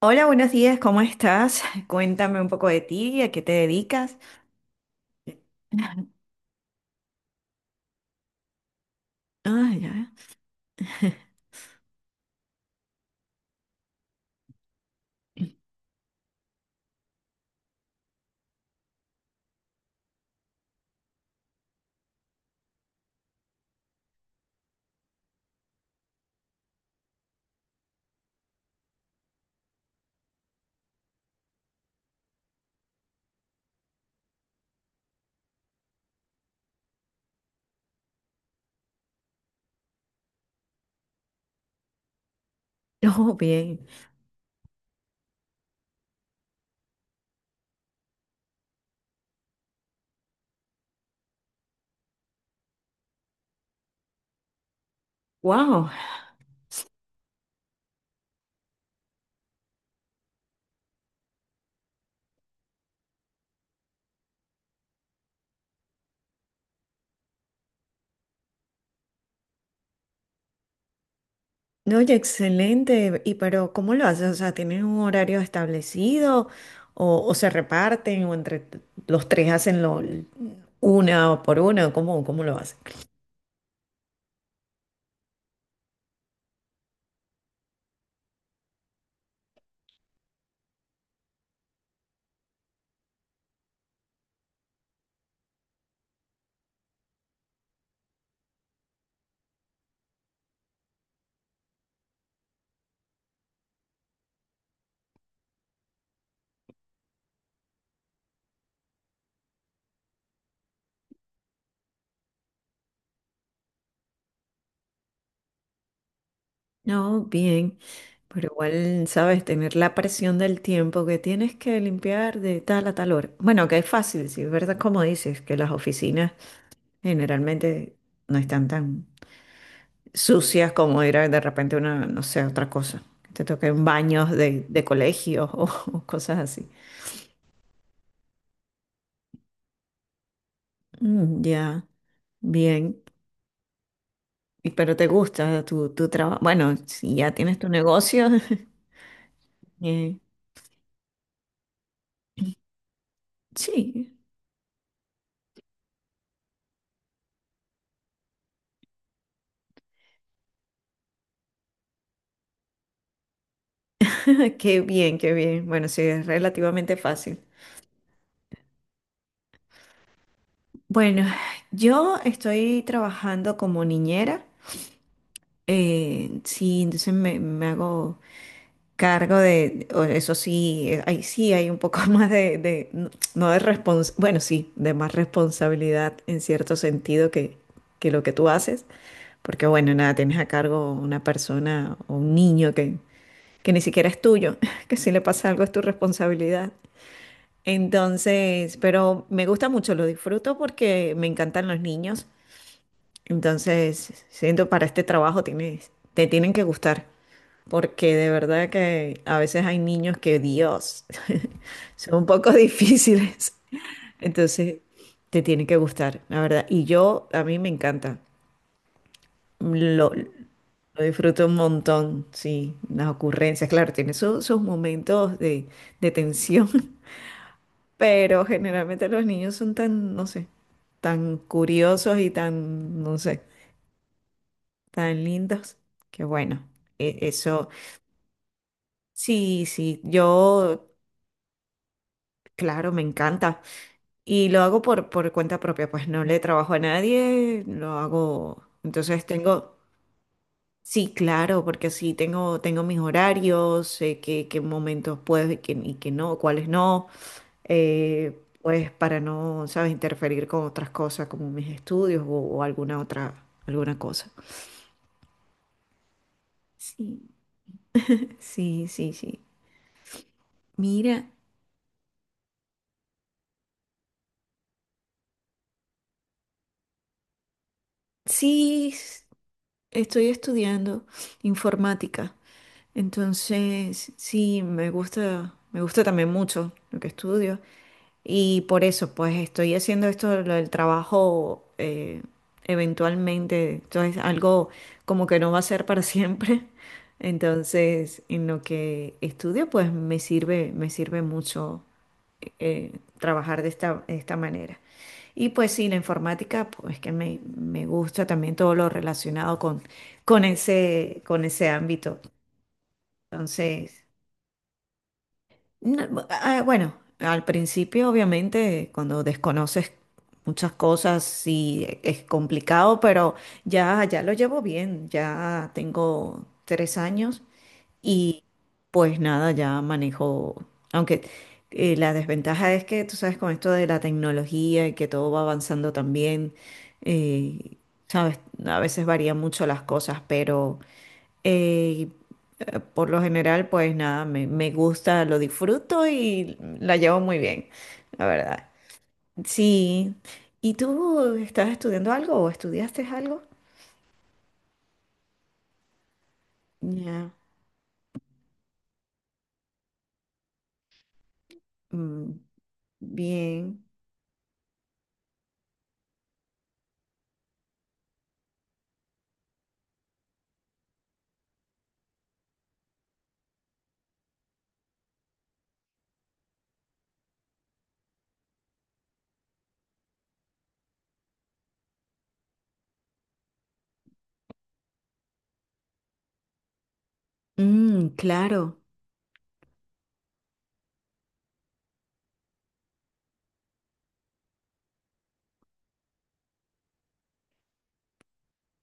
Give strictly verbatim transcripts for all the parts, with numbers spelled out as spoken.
Hola, buenos días, ¿cómo estás? Cuéntame un poco de ti, ¿a qué te dedicas? Ah, ya. No, bien. Wow. No, oye, excelente. ¿Y pero cómo lo haces? O sea, ¿tienen un horario establecido o, o se reparten o entre t- los tres hacen lo una por una? ¿Cómo, cómo lo hacen? No, bien. Pero igual, sabes, tener la presión del tiempo que tienes que limpiar de tal a tal hora. Bueno, que es fácil, sí, ¿verdad? Como dices, que las oficinas generalmente no están tan sucias como era de repente una, no sé, otra cosa. Que te toquen baños de, de colegios o, o cosas así. Mm, ya, bien. Y- Pero te gusta tu, tu trabajo. Bueno, si ya tienes tu negocio, eh, sí, qué bien, qué bien. Bueno, sí, es relativamente fácil. Bueno, yo estoy trabajando como niñera. Eh, sí, entonces me, me hago cargo de, o eso sí, eh, ahí sí hay un poco más de, de- no no de respons, bueno, sí, de más responsabilidad en cierto sentido que, que lo que tú haces, porque bueno, nada, tienes a cargo una persona o un niño que, que ni siquiera es tuyo, que si le pasa algo es tu responsabilidad. Entonces, pero me gusta mucho, lo disfruto porque me encantan los niños. Entonces, siento para este trabajo tienes, te tienen que gustar, porque de verdad que a veces hay niños que, Dios, son un poco difíciles. Entonces, te tiene que gustar, la verdad. Y yo, a mí me encanta. Lo, lo disfruto un montón, sí. Las ocurrencias, claro, tiene su- sus momentos de, de tensión, pero generalmente los niños son tan, no sé, tan curiosos y tan, no sé, tan lindos, que bueno, e- eso sí, sí, yo, claro, me encanta y lo hago por, por cuenta propia, pues no le trabajo a nadie, lo hago, entonces tengo, sí, claro, porque así tengo, tengo mis horarios, sé qué, qué momentos puedo y qué, y qué no, cuáles no, eh, pues para no, sabes, interferir con otras cosas como mis estudios o, o alguna otra, alguna cosa. Sí, sí, sí, sí. Mira, sí, estoy estudiando informática, entonces sí, me gusta, me gusta también mucho lo que estudio y por eso pues estoy haciendo esto, lo del trabajo eh, eventualmente, entonces algo como que no va a ser para siempre, entonces en lo que estudio pues me sirve, me sirve mucho eh, trabajar de esta, de esta manera. Y pues sí, la informática, pues que me, me gusta también todo lo relacionado con, con ese, con ese ámbito. Entonces... No, bu- ah, bueno, al principio obviamente cuando desconoces muchas cosas sí e- es complicado, pero ya, ya lo llevo bien, ya tengo tres años y pues nada, ya manejo, aunque eh, la desventaja es que tú sabes con esto de la tecnología y que todo va avanzando también, eh, sabes, a veces varían mucho las cosas, pero, eh, eh, por lo general, pues nada, me, me gusta, lo disfruto y la llevo muy bien, la verdad. Sí. ¿Y tú estás estudiando algo o estudiaste algo? Ya. Mm, bien. Mm, claro.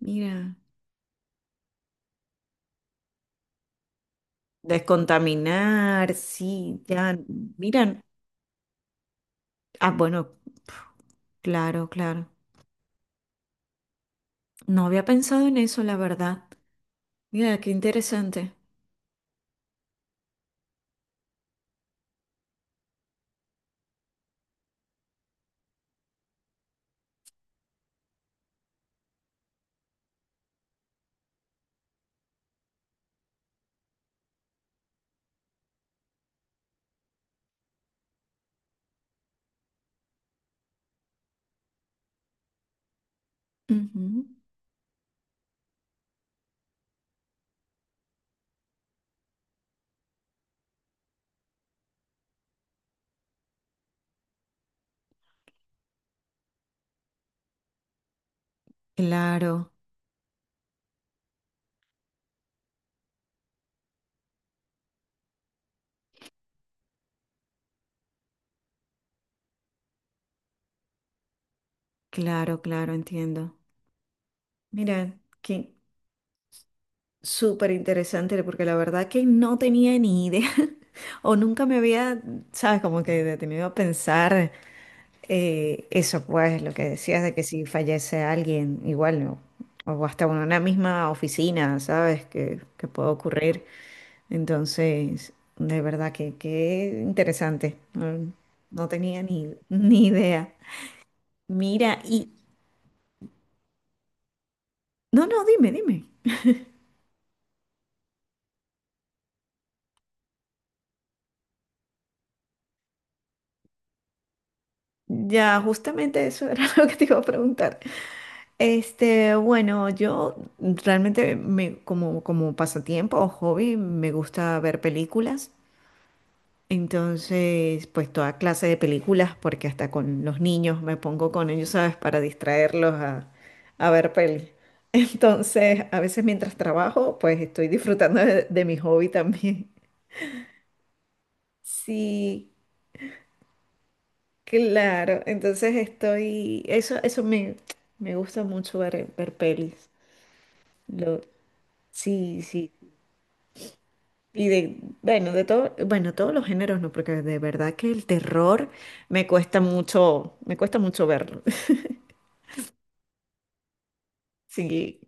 Mira. Descontaminar, sí, ya. Miran. Ah, bueno, claro, claro. No había pensado en eso, la verdad. Mira, qué interesante. Ujú. Claro, claro, claro, entiendo. Mira, qué, súper interesante, porque la verdad que no tenía ni idea o nunca me había, sabes, como que detenido a pensar eh, eso, pues, lo que decías de que si fallece alguien, igual, no, o hasta en una misma oficina, sabes, que, que puede ocurrir. Entonces, de verdad que, que interesante. No, no tenía ni, ni idea. Mira, y... No, no, dime, dime. Ya, justamente eso era lo que te iba a preguntar. Este, bueno, yo realmente me, como, como pasatiempo o hobby me gusta ver películas. Entonces, pues toda clase de películas, porque hasta con los niños me pongo con ellos, ¿sabes? Para distraerlos a, a ver peli. Entonces, a veces mientras trabajo, pues estoy disfrutando de, de mi hobby también. Sí, claro. Entonces estoy, eso, eso me, me gusta mucho ver, ver pelis. Lo, sí, sí. Y de, bueno, de todo, bueno, todos los géneros no, porque de verdad que el terror me cuesta mucho, me cuesta mucho verlo. Sí,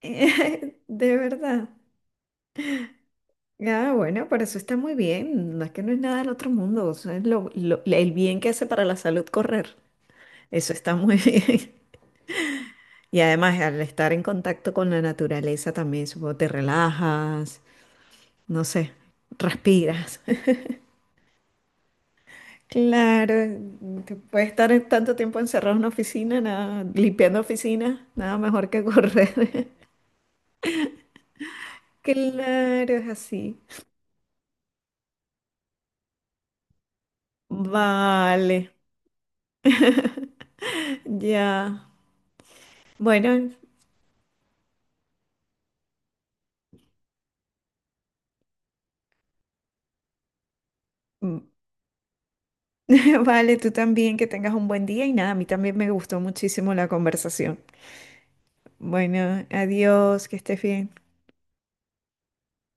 de verdad. Ah, bueno, pero eso está muy bien. No es que no es nada del otro mundo. O sea, es lo- lo- el bien que hace para la salud correr. Eso está muy bien. Y además, al estar en contacto con la naturaleza también, supongo, te relajas, no sé, respiras. Claro, te puede estar tanto tiempo encerrado en una oficina, nada, limpiando oficinas, nada mejor que correr. Claro, es así. Vale, ya. Bueno, mm, vale, tú también que tengas un buen día y nada, a mí también me gustó muchísimo la conversación. Bueno, adiós, que estés bien.